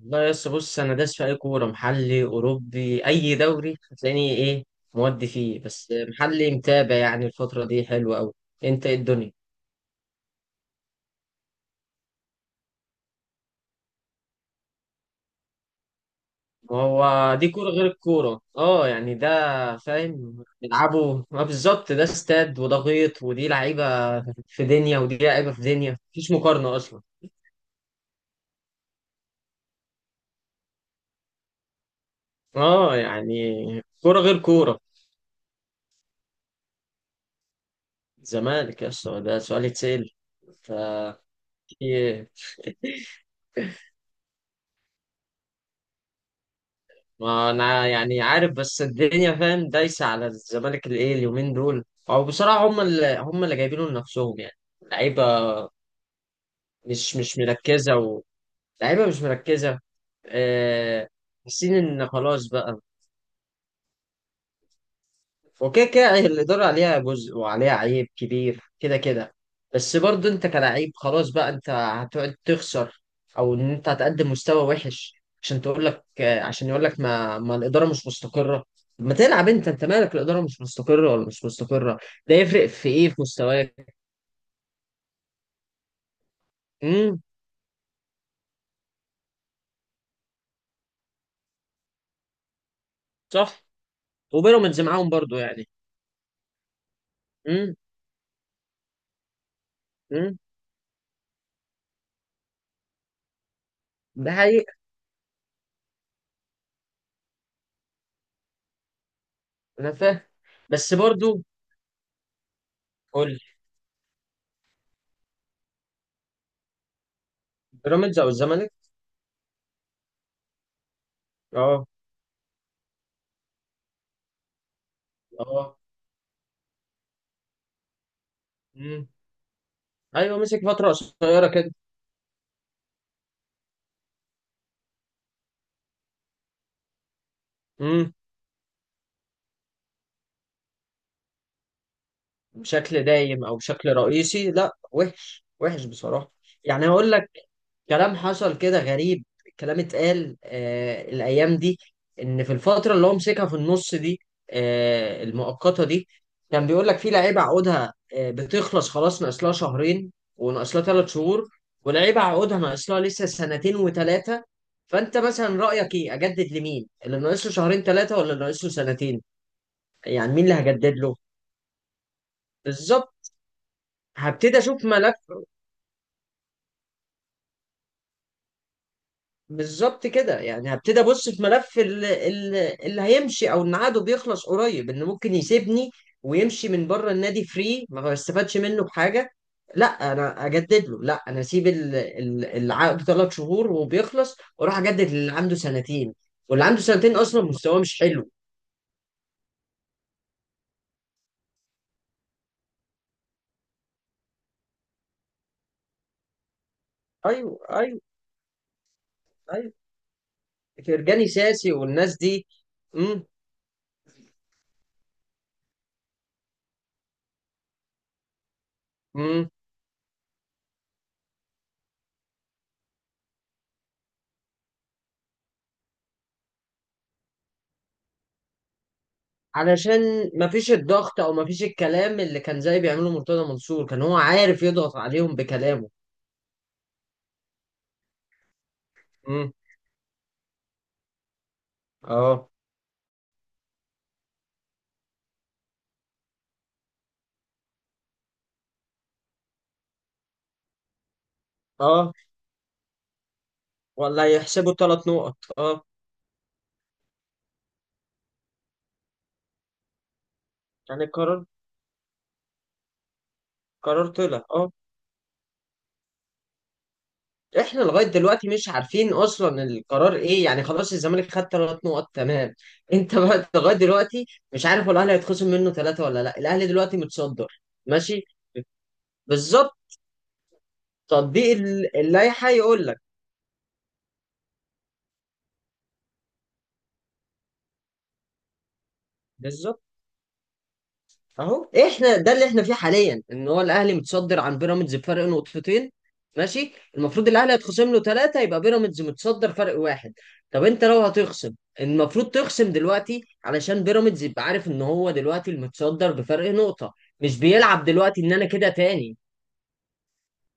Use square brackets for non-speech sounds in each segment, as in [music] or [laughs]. والله يا اسطى، بص، انا داس في اي كوره محلي اوروبي اي دوري هتلاقيني. ايه مودي فيه، بس محلي متابع يعني الفتره دي حلوه قوي. انت إيه الدنيا؟ ما هو دي كوره غير الكوره، اه يعني ده. فاهم بيلعبوا ما بالظبط؟ ده استاد وده غيط، ودي لعيبه في دنيا ودي لعيبه في دنيا، مفيش مقارنه اصلا. اه يعني، كوره غير كوره. زمالك يا اسطى، ده سؤال يتسأل؟ ف ما انا يعني عارف، بس الدنيا فاهم دايسه على الزمالك الايه اليومين دول. او بصراحه، هم اللي جايبينه لنفسهم يعني. لعيبه مش مركزه. لعيبه مش مركزه. آه، حاسين ان خلاص بقى. وكده كده الإدارة عليها جزء وعليها عيب كبير كده كده. بس برضه أنت كلاعب، خلاص بقى أنت هتقعد تخسر أو إن أنت هتقدم مستوى وحش عشان يقول لك ما الإدارة مش مستقرة. طب ما تلعب، أنت مالك الإدارة مش مستقرة ولا مش مستقرة؟ ده يفرق في إيه في مستواك؟ امم. صح. وبيراميدز معاهم برضه يعني. امم. امم. ده حقيقة. أنا فاهم بس برضه، قول لي، بيراميدز أو الزمالك؟ أه. أه. مم. ايوه، مسك فتره قصيره كده. امم. بشكل دايم او بشكل رئيسي، لا وحش وحش بصراحه. يعني هقول لك، كلام حصل كده غريب. كلام اتقال الايام دي، ان في الفتره اللي هو مسكها في النص دي، المؤقته دي، كان بيقول لك في لعيبه عقودها بتخلص خلاص، ناقص لها شهرين، وناقص لها ثلاث شهور، ولعيبه عقودها ناقص لها لسه سنتين وثلاثه. فانت مثلا رايك ايه، اجدد لمين؟ اللي ناقص له شهرين ثلاثه ولا اللي ناقص له سنتين؟ يعني مين اللي هجدد له؟ بالظبط. هبتدي اشوف ملف، بالظبط كده. يعني هبتدي ابص في ملف اللي هيمشي او ان عقده بيخلص قريب، ان ممكن يسيبني ويمشي من بره النادي فري، ما استفادش منه بحاجه. لا انا اجدد له؟ لا، انا اسيب العقد ثلاث شهور وبيخلص، واروح اجدد للي عنده سنتين، واللي عنده سنتين اصلا مستواه مش حلو. ايوه، ايوه، ايوه، فرجاني ساسي والناس دي. امم. علشان مفيش الضغط، او مفيش الكلام اللي كان زي بيعمله مرتضى منصور، كان هو عارف يضغط عليهم بكلامه. امم. اه. اه، ولا يحسبوا ثلاث نقط، اه. يعني القرار، قرار طلع اه. احنا لغايه دلوقتي مش عارفين اصلا القرار ايه، يعني خلاص الزمالك خد ثلاث نقط تمام؟ [laughs] انت بقى لغايه دلوقتي مش عارف هو الاهلي هيتخصم منه ثلاثه ولا لا، الاهلي دلوقتي متصدر. ماشي. بالظبط. تطبيق اللائحه يقول لك. بالظبط، اهو احنا ده اللي احنا فيه حاليا، ان هو الاهلي متصدر عن بيراميدز بفرق نقطتين. ماشي، المفروض الاهلي هيتخصم له ثلاثه، يبقى بيراميدز متصدر فرق واحد. طب انت لو هتخصم، المفروض تخصم دلوقتي علشان بيراميدز يبقى عارف ان هو دلوقتي المتصدر بفرق نقطه. مش بيلعب دلوقتي ان انا كده تاني.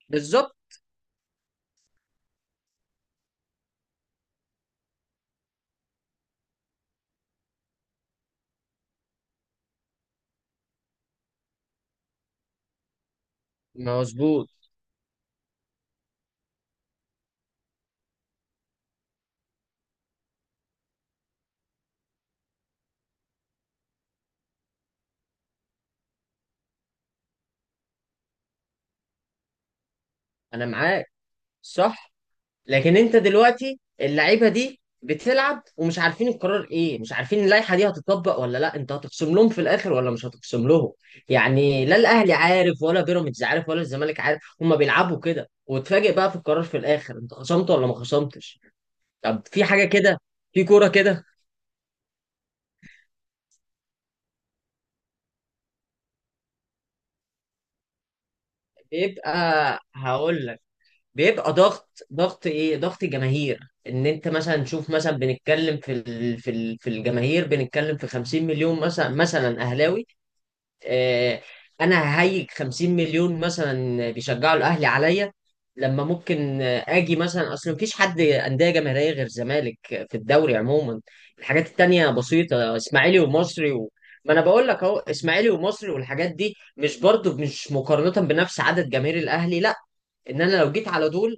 بالظبط. مظبوط. انا معاك. صح. لكن انت دلوقتي اللعيبه دي بتلعب ومش عارفين القرار ايه، مش عارفين اللائحه دي هتطبق ولا لا، انت هتخصم لهم في الاخر ولا مش هتخصم لهم؟ يعني لا الاهلي عارف ولا بيراميدز عارف ولا الزمالك عارف، هما بيلعبوا كده، وتفاجئ بقى في القرار في الاخر انت خصمت ولا ما خصمتش. طب في حاجه كده؟ في كوره كده؟ بيبقى، هقول لك، بيبقى ضغط، ضغط ايه، ضغط جماهير. ان انت مثلا شوف، مثلا بنتكلم في الجماهير، بنتكلم في 50 مليون مثلا اهلاوي. آه، انا ههيج 50 مليون مثلا بيشجعوا الاهلي عليا، لما ممكن اجي مثلا. اصل مفيش حد انديه جماهيريه غير الزمالك في الدوري عموما. الحاجات التانية بسيطه، اسماعيلي ومصري. ما انا بقول لك اهو، اسماعيلي ومصري والحاجات دي مش برضو مش مقارنه بنفس عدد جماهير الاهلي، لا. ان انا لو جيت على دول.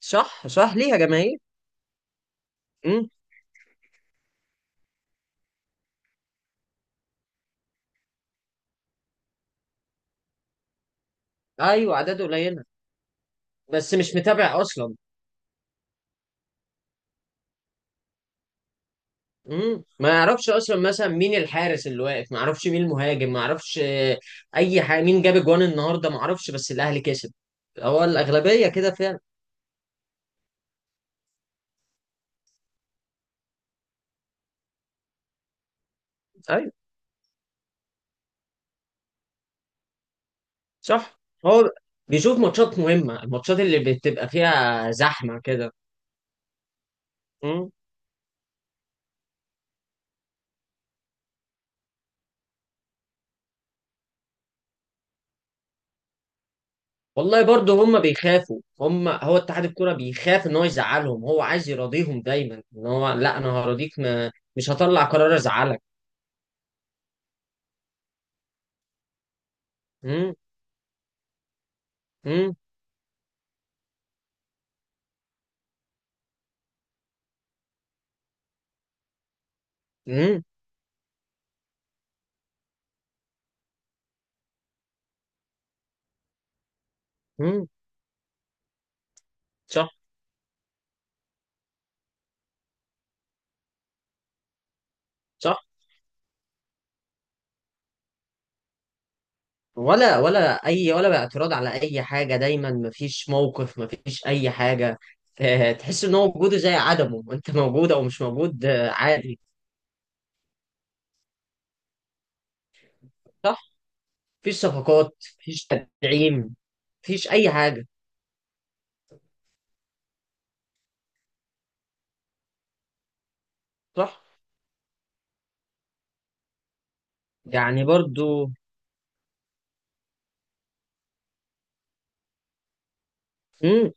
صح، صح، ليها جماهير. امم. ايوه، اعداد قليله، بس مش متابع اصلا. مم. ما يعرفش اصلا مثلا مين الحارس اللي واقف، ما يعرفش مين المهاجم، ما يعرفش اي حاجه. مين جاب جوان النهارده ما يعرفش، بس الاهلي كسب. هو الاغلبيه كده فعلا. ايوه. صح. هو بيشوف ماتشات مهمه، الماتشات اللي بتبقى فيها زحمه كده. مم. والله برضه هم بيخافوا، هم هو اتحاد الكوره بيخاف ان هو يزعلهم، هو عايز يراضيهم دايما، ان هو لا انا هراضيك، ما مش هطلع قرار ازعلك. مم. مم. مم. مم. صح، صح، ولا اي ولا بقى اعتراض على اي حاجه، دايما مفيش موقف، مفيش اي حاجه. تحس ان هو وجوده زي عدمه، انت موجود او مش موجود عادي. صح. مفيش صفقات، مفيش تدعيم، مفيش اي حاجه. صح. يعني برضو. مم.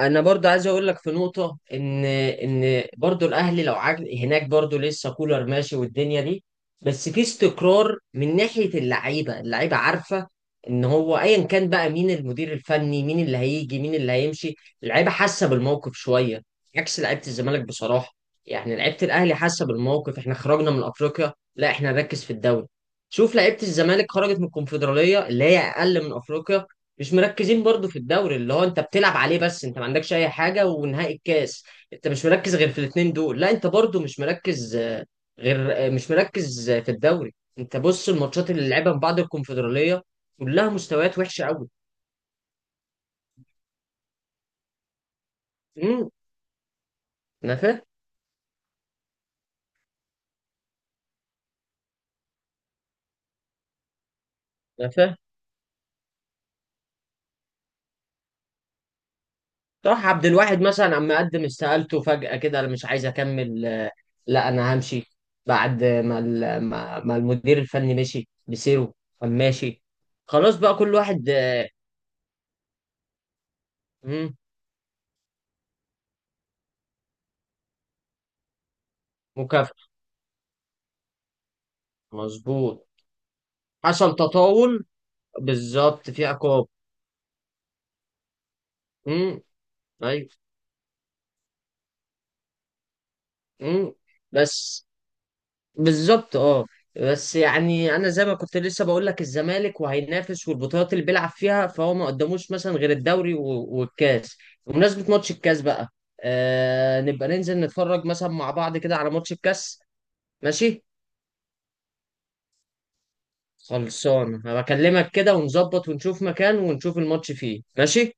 انا برضو عايز اقول لك في نقطه، ان برضو الاهلي لو عجل هناك، برضو لسه كولر ماشي والدنيا دي. بس في استقرار من ناحيه اللعيبه عارفه ان هو ايا كان بقى مين المدير الفني، مين اللي هيجي، مين اللي هيمشي، اللعيبه حاسه بالموقف شويه. عكس لعيبه الزمالك بصراحه. يعني لعيبه الاهلي حاسه بالموقف، احنا خرجنا من افريقيا، لا احنا نركز في الدوري. شوف لعيبه الزمالك، خرجت من الكونفدراليه اللي هي اقل من افريقيا، مش مركزين برضو في الدوري اللي هو انت بتلعب عليه، بس انت ما عندكش اي حاجه ونهائي الكاس. انت مش مركز غير في الاثنين دول، لا انت برضو مش مركز غير مش مركز في الدوري. انت بص الماتشات اللي لعبها من بعد الكونفدراليه، كلها مستويات وحشه قوي. امم. انا فاهم. انا فاهم. طه عبد الواحد مثلا عم يقدم استقالته فجاه كده، انا مش عايز اكمل. لا انا همشي. بعد ما ما المدير الفني مشي بسيره، قام ماشي. خلاص بقى كل واحد. مم، مكافأة. مظبوط، حصل تطاول، بالظبط، في عقاب. امم. ايوه. امم. بس، بالظبط اه. بس يعني انا زي ما كنت لسه بقول لك، الزمالك وهينافس والبطولات اللي بيلعب فيها، فهو ما قدموش مثلا غير الدوري والكاس. بمناسبة ماتش الكاس بقى، آه نبقى ننزل نتفرج مثلا مع بعض كده على ماتش الكاس. ماشي. خلصان، هبكلمك كده ونظبط ونشوف مكان ونشوف الماتش فيه. ماشي.